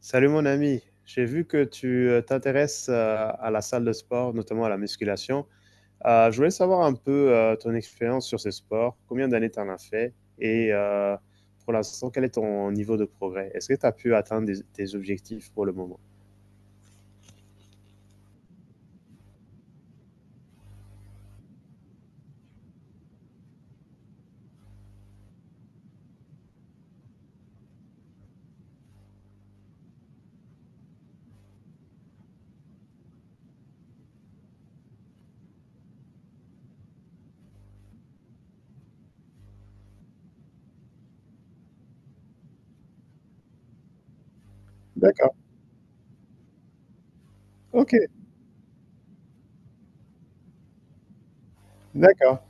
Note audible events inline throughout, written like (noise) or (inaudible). Salut mon ami, j'ai vu que tu t'intéresses à la salle de sport, notamment à la musculation. Je voulais savoir un peu ton expérience sur ce sport, combien d'années tu en as fait et pour l'instant, quel est ton niveau de progrès? Est-ce que tu as pu atteindre tes objectifs pour le moment? D'accord, ok, d'accord.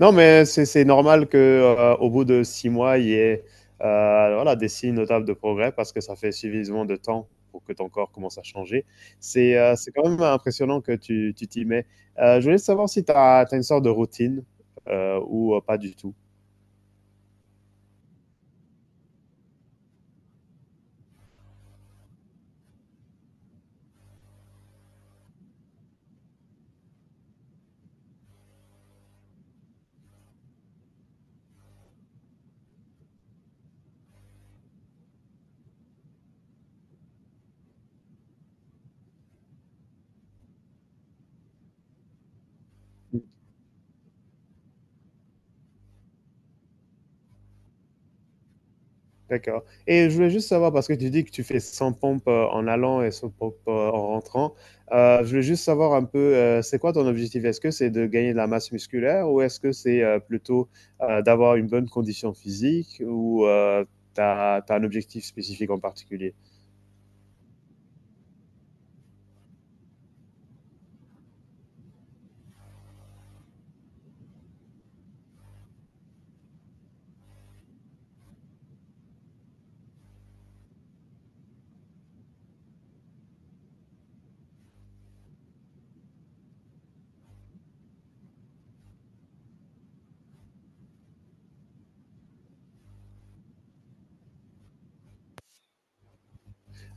Non, mais c'est normal que, au bout de 6 mois, il y ait voilà, des signes notables de progrès parce que ça fait suffisamment de temps pour que ton corps commence à changer. C'est quand même impressionnant que tu t'y mets. Je voulais savoir si tu as une sorte de routine, ou, pas du tout? D'accord. Et je voulais juste savoir, parce que tu dis que tu fais 100 pompes en allant et 100 pompes en rentrant, je voulais juste savoir un peu, c'est quoi ton objectif? Est-ce que c'est de gagner de la masse musculaire ou est-ce que c'est plutôt d'avoir une bonne condition physique ou t'as un objectif spécifique en particulier?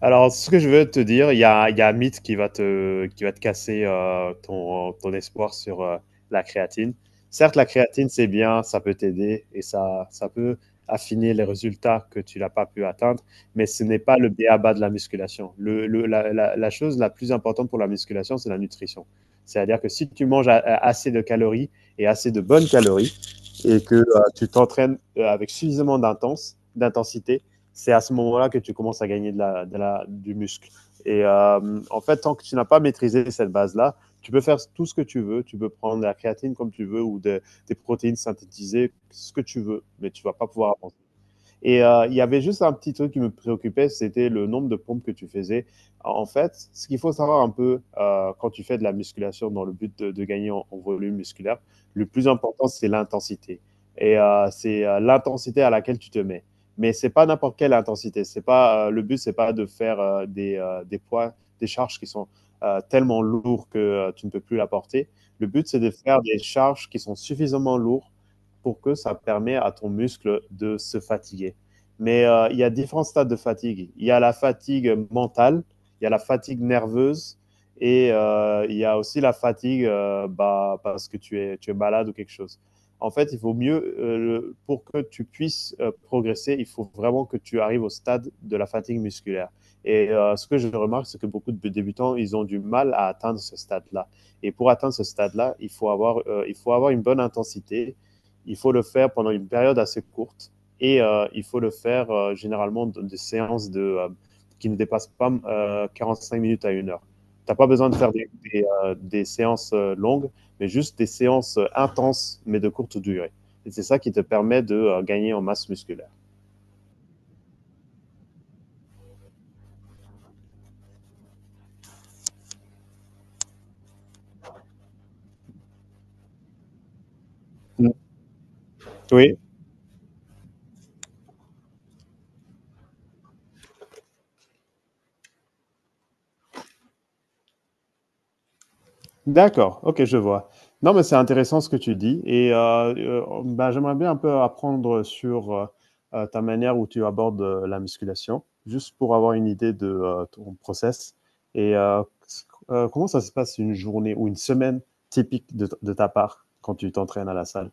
Alors, ce que je veux te dire, il y a un mythe qui va te casser ton espoir sur la créatine. Certes, la créatine, c'est bien, ça peut t'aider et ça peut affiner les résultats que tu n'as pas pu atteindre, mais ce n'est pas le bien/bas de la musculation. La chose la plus importante pour la musculation, c'est la nutrition. C'est-à-dire que si tu manges assez de calories et assez de bonnes calories et que tu t'entraînes avec suffisamment d'intensité, c'est à ce moment-là que tu commences à gagner du muscle. En fait, tant que tu n'as pas maîtrisé cette base-là, tu peux faire tout ce que tu veux. Tu peux prendre de la créatine comme tu veux ou des protéines synthétisées, ce que tu veux, mais tu ne vas pas pouvoir avancer. Il y avait juste un petit truc qui me préoccupait, c'était le nombre de pompes que tu faisais. En fait, ce qu'il faut savoir un peu quand tu fais de la musculation dans le but de gagner en volume musculaire, le plus important, c'est l'intensité. C'est l'intensité à laquelle tu te mets. Mais c'est pas n'importe quelle intensité. C'est pas le but, c'est pas de faire des poids, des charges qui sont tellement lourds que tu ne peux plus la porter. Le but, c'est de faire des charges qui sont suffisamment lourdes pour que ça permet à ton muscle de se fatiguer. Mais il y a différents stades de fatigue. Il y a la fatigue mentale, il y a la fatigue nerveuse et il y a aussi la fatigue bah, parce que tu es malade ou quelque chose. En fait, il vaut mieux, pour que tu puisses progresser, il faut vraiment que tu arrives au stade de la fatigue musculaire. Ce que je remarque, c'est que beaucoup de débutants, ils ont du mal à atteindre ce stade-là. Et pour atteindre ce stade-là, il faut avoir une bonne intensité, il faut le faire pendant une période assez courte et il faut le faire généralement de séances de qui ne dépassent pas 45 minutes à une heure. Tu n'as pas besoin de faire des séances longues, mais juste des séances intenses, mais de courte durée. Et c'est ça qui te permet de gagner en masse musculaire. Oui, d'accord, OK, je vois. Non, mais c'est intéressant ce que tu dis et bah, j'aimerais bien un peu apprendre sur, ta manière où tu abordes, la musculation, juste pour avoir une idée de, ton process et c comment ça se passe une journée ou une semaine typique de ta part quand tu t'entraînes à la salle?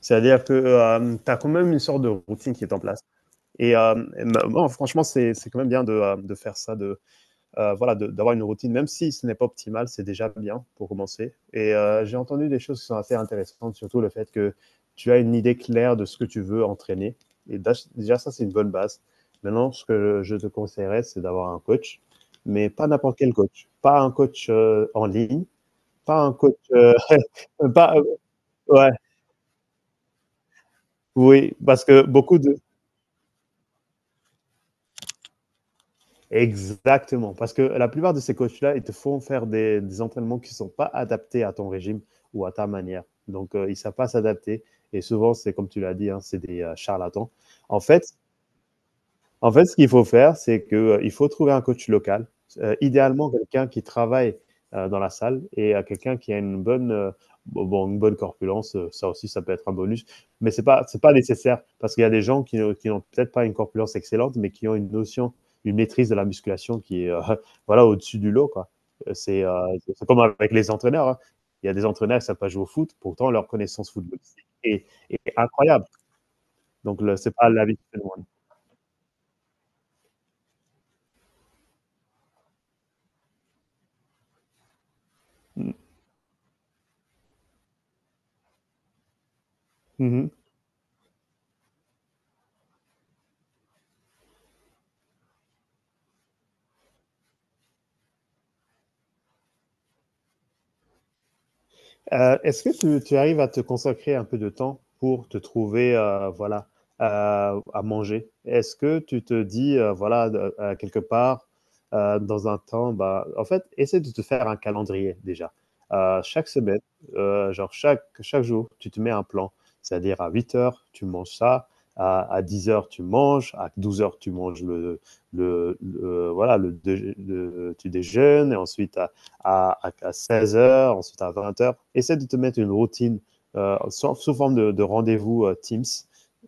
C'est-à-dire que, tu as quand même une sorte de routine qui est en place et hem, et me franchement, c'est quand même bien de faire ça de voilà, d'avoir une routine, même si ce n'est pas optimal, c'est déjà bien pour commencer. J'ai entendu des choses qui sont assez intéressantes, surtout le fait que tu as une idée claire de ce que tu veux entraîner. Et déjà, ça, c'est une bonne base. Maintenant, ce que je te conseillerais, c'est d'avoir un coach, mais pas n'importe quel coach. Pas un coach en ligne, pas un coach. (laughs) Pas, ouais, oui, parce que beaucoup de, exactement, parce que la plupart de ces coachs-là, ils te font faire des entraînements qui ne sont pas adaptés à ton régime ou à ta manière. Donc, ils ne savent pas s'adapter. Et souvent, c'est comme tu l'as dit, hein, c'est des charlatans. En fait, en fait, ce qu'il faut faire, c'est que, il faut trouver un coach local, idéalement quelqu'un qui travaille, dans la salle et quelqu'un qui a une bonne corpulence, ça aussi, ça peut être un bonus, mais c'est pas nécessaire parce qu'il y a des gens qui ont peut-être pas une corpulence excellente, mais qui ont une notion, une maîtrise de la musculation qui est, (laughs) voilà, au-dessus du lot, quoi. Heu, c'est, heu, c'est comme avec les entraîneurs, hein. Il y a des entraîneurs, ils savent pas jouer au foot, pourtant leur connaissance footballistique est incroyable, donc le c'est pas l'avis de tout le monde. Mmh. Mmh. Est-ce que tu arrives à te consacrer un peu de temps pour te trouver, voilà, à manger? Est-ce que tu te dis, voilà, de quelque part, dans un temps, bah, en fait, essaie de te faire un calendrier déjà. Chaque semaine, genre chaque jour, tu te mets un plan. C'est-à-dire à 8 heures tu manges ça, à 10 heures tu manges, à 12 heures tu manges le voilà, le déj le tu déjeunes et ensuite à 16h, ensuite à 20 heures. Essaie de te mettre une routine sous forme de rendez-vous Teams.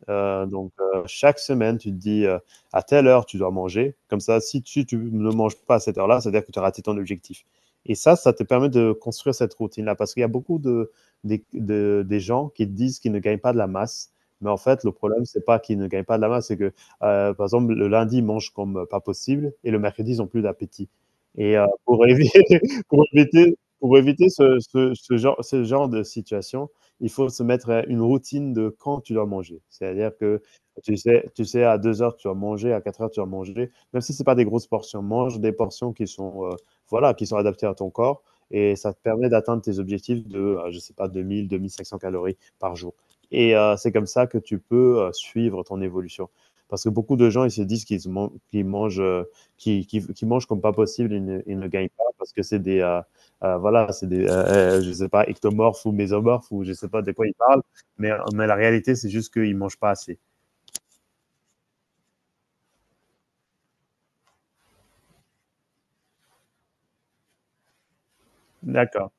Donc, chaque semaine, tu te dis à telle heure, tu dois manger. Comme ça, si tu ne manges pas à cette heure-là, c'est-à-dire que tu as raté ton objectif. Et ça te permet de construire cette routine-là parce qu'il y a beaucoup des gens qui te disent qu'ils ne gagnent pas de la masse. Mais en fait, le problème, c'est pas qu'ils ne gagnent pas de la masse, c'est que, par exemple, le lundi, ils mangent comme pas possible et le mercredi, ils n'ont plus d'appétit. Pour, (laughs) éviter, (laughs) pour éviter ce genre, ce genre de situation, il faut se mettre une routine de quand tu dois manger. C'est-à-dire que tu sais, à 2 heures, tu vas manger, à 4 heures, tu vas manger. Même si c'est pas des grosses portions, mange des portions qui sont, voilà, qui sont adaptées à ton corps et ça te permet d'atteindre tes objectifs de, je sais pas, 2000, 2500 calories par jour. C'est comme ça que tu peux suivre ton évolution. Parce que beaucoup de gens, ils se disent qu'ils mangent, qu'ils mangent comme pas possible et ne gagnent parce que c'est des voilà, c'est des je sais pas ectomorphes ou mésomorphes ou je sais pas de quoi ils parlent, mais la réalité c'est juste qu'ils mangent pas assez. D'accord.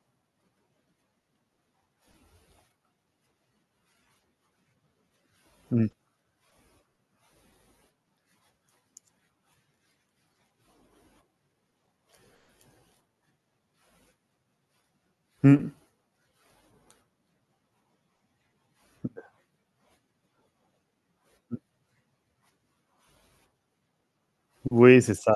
Mm. Mm. Oui, c'est ça.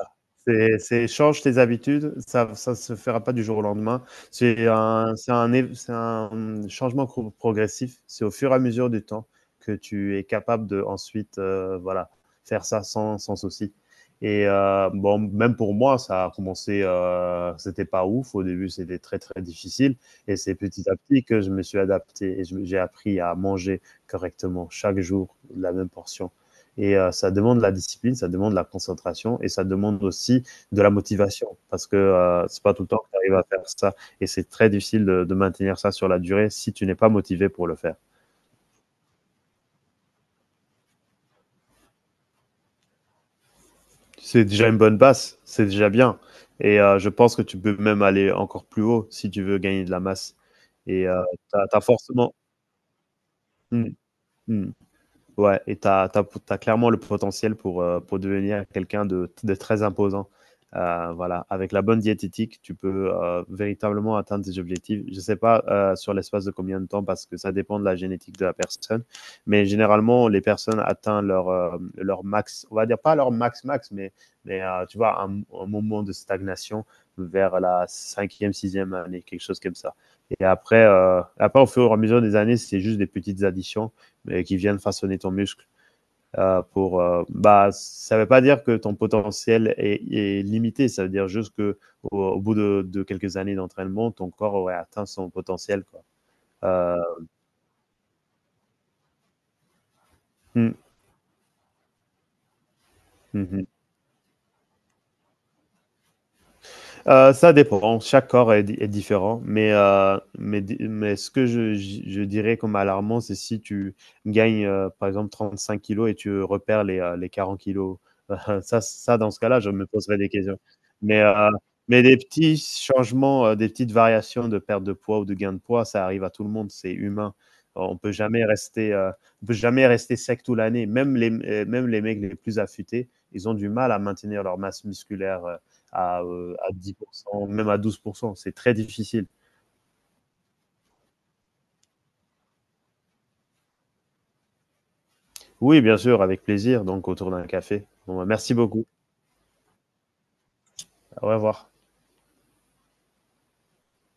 C'est change tes habitudes, ça se fera pas du jour au lendemain. C'est un changement progressif. C'est au fur et à mesure du temps que tu es capable de ensuite, voilà, faire ça sans souci et bon, même pour moi, ça a commencé, c'était pas ouf. Au début, c'était très, très difficile et c'est petit à petit que je me suis adapté et je me j'ai appris à manger correctement chaque jour la même portion. Ça demande la discipline, ça demande la concentration et ça demande aussi de la motivation parce que c'est pas tout le temps que tu arrives à faire ça et c'est très difficile de maintenir ça sur la durée si tu n'es pas motivé pour le faire. C'est déjà une bonne base, c'est déjà bien. Je pense que tu peux même aller encore plus haut si tu veux gagner de la masse. Et euh, Tu as, forcément... Mm, mm. Ouais, et tu as, clairement le potentiel pour devenir quelqu'un de très imposant. Voilà, avec la bonne diététique, tu peux véritablement atteindre tes objectifs. Je ne sais pas sur l'espace de combien de temps, parce que ça dépend de la génétique de la personne, mais généralement, les personnes atteignent leur max, on va dire pas leur max-max, mais tu vois, un moment de stagnation vers la cinquième, sixième année, quelque chose comme ça. Et après, après au fur et à mesure des années, c'est juste des petites additions et qui viennent façonner ton muscle. Bah, ça ne veut pas dire que ton potentiel est limité, ça veut dire juste que au bout quelques années d'entraînement, ton corps aurait atteint son potentiel. Quoi. Euh, mm, mm. Ça dépend. Chaque corps est différent. Mais ce que je dirais comme alarmant, c'est si tu gagnes, par exemple, 35 kilos et tu repères les 40 kilos. (laughs) Ça, dans ce cas-là, je me poserais des questions. Mais, euh, mais des petits changements, des petites variations de perte de poids ou de gain de poids, ça arrive à tout le monde. C'est humain. On peut jamais rester, on peut jamais rester sec toute l'année. Même les mecs les plus affûtés, ils ont du mal à maintenir leur masse musculaire à 10% même à 12%. C'est très difficile. Oui, bien sûr, avec plaisir. Donc, autour d'un café. Bon, bah, merci beaucoup. Au revoir.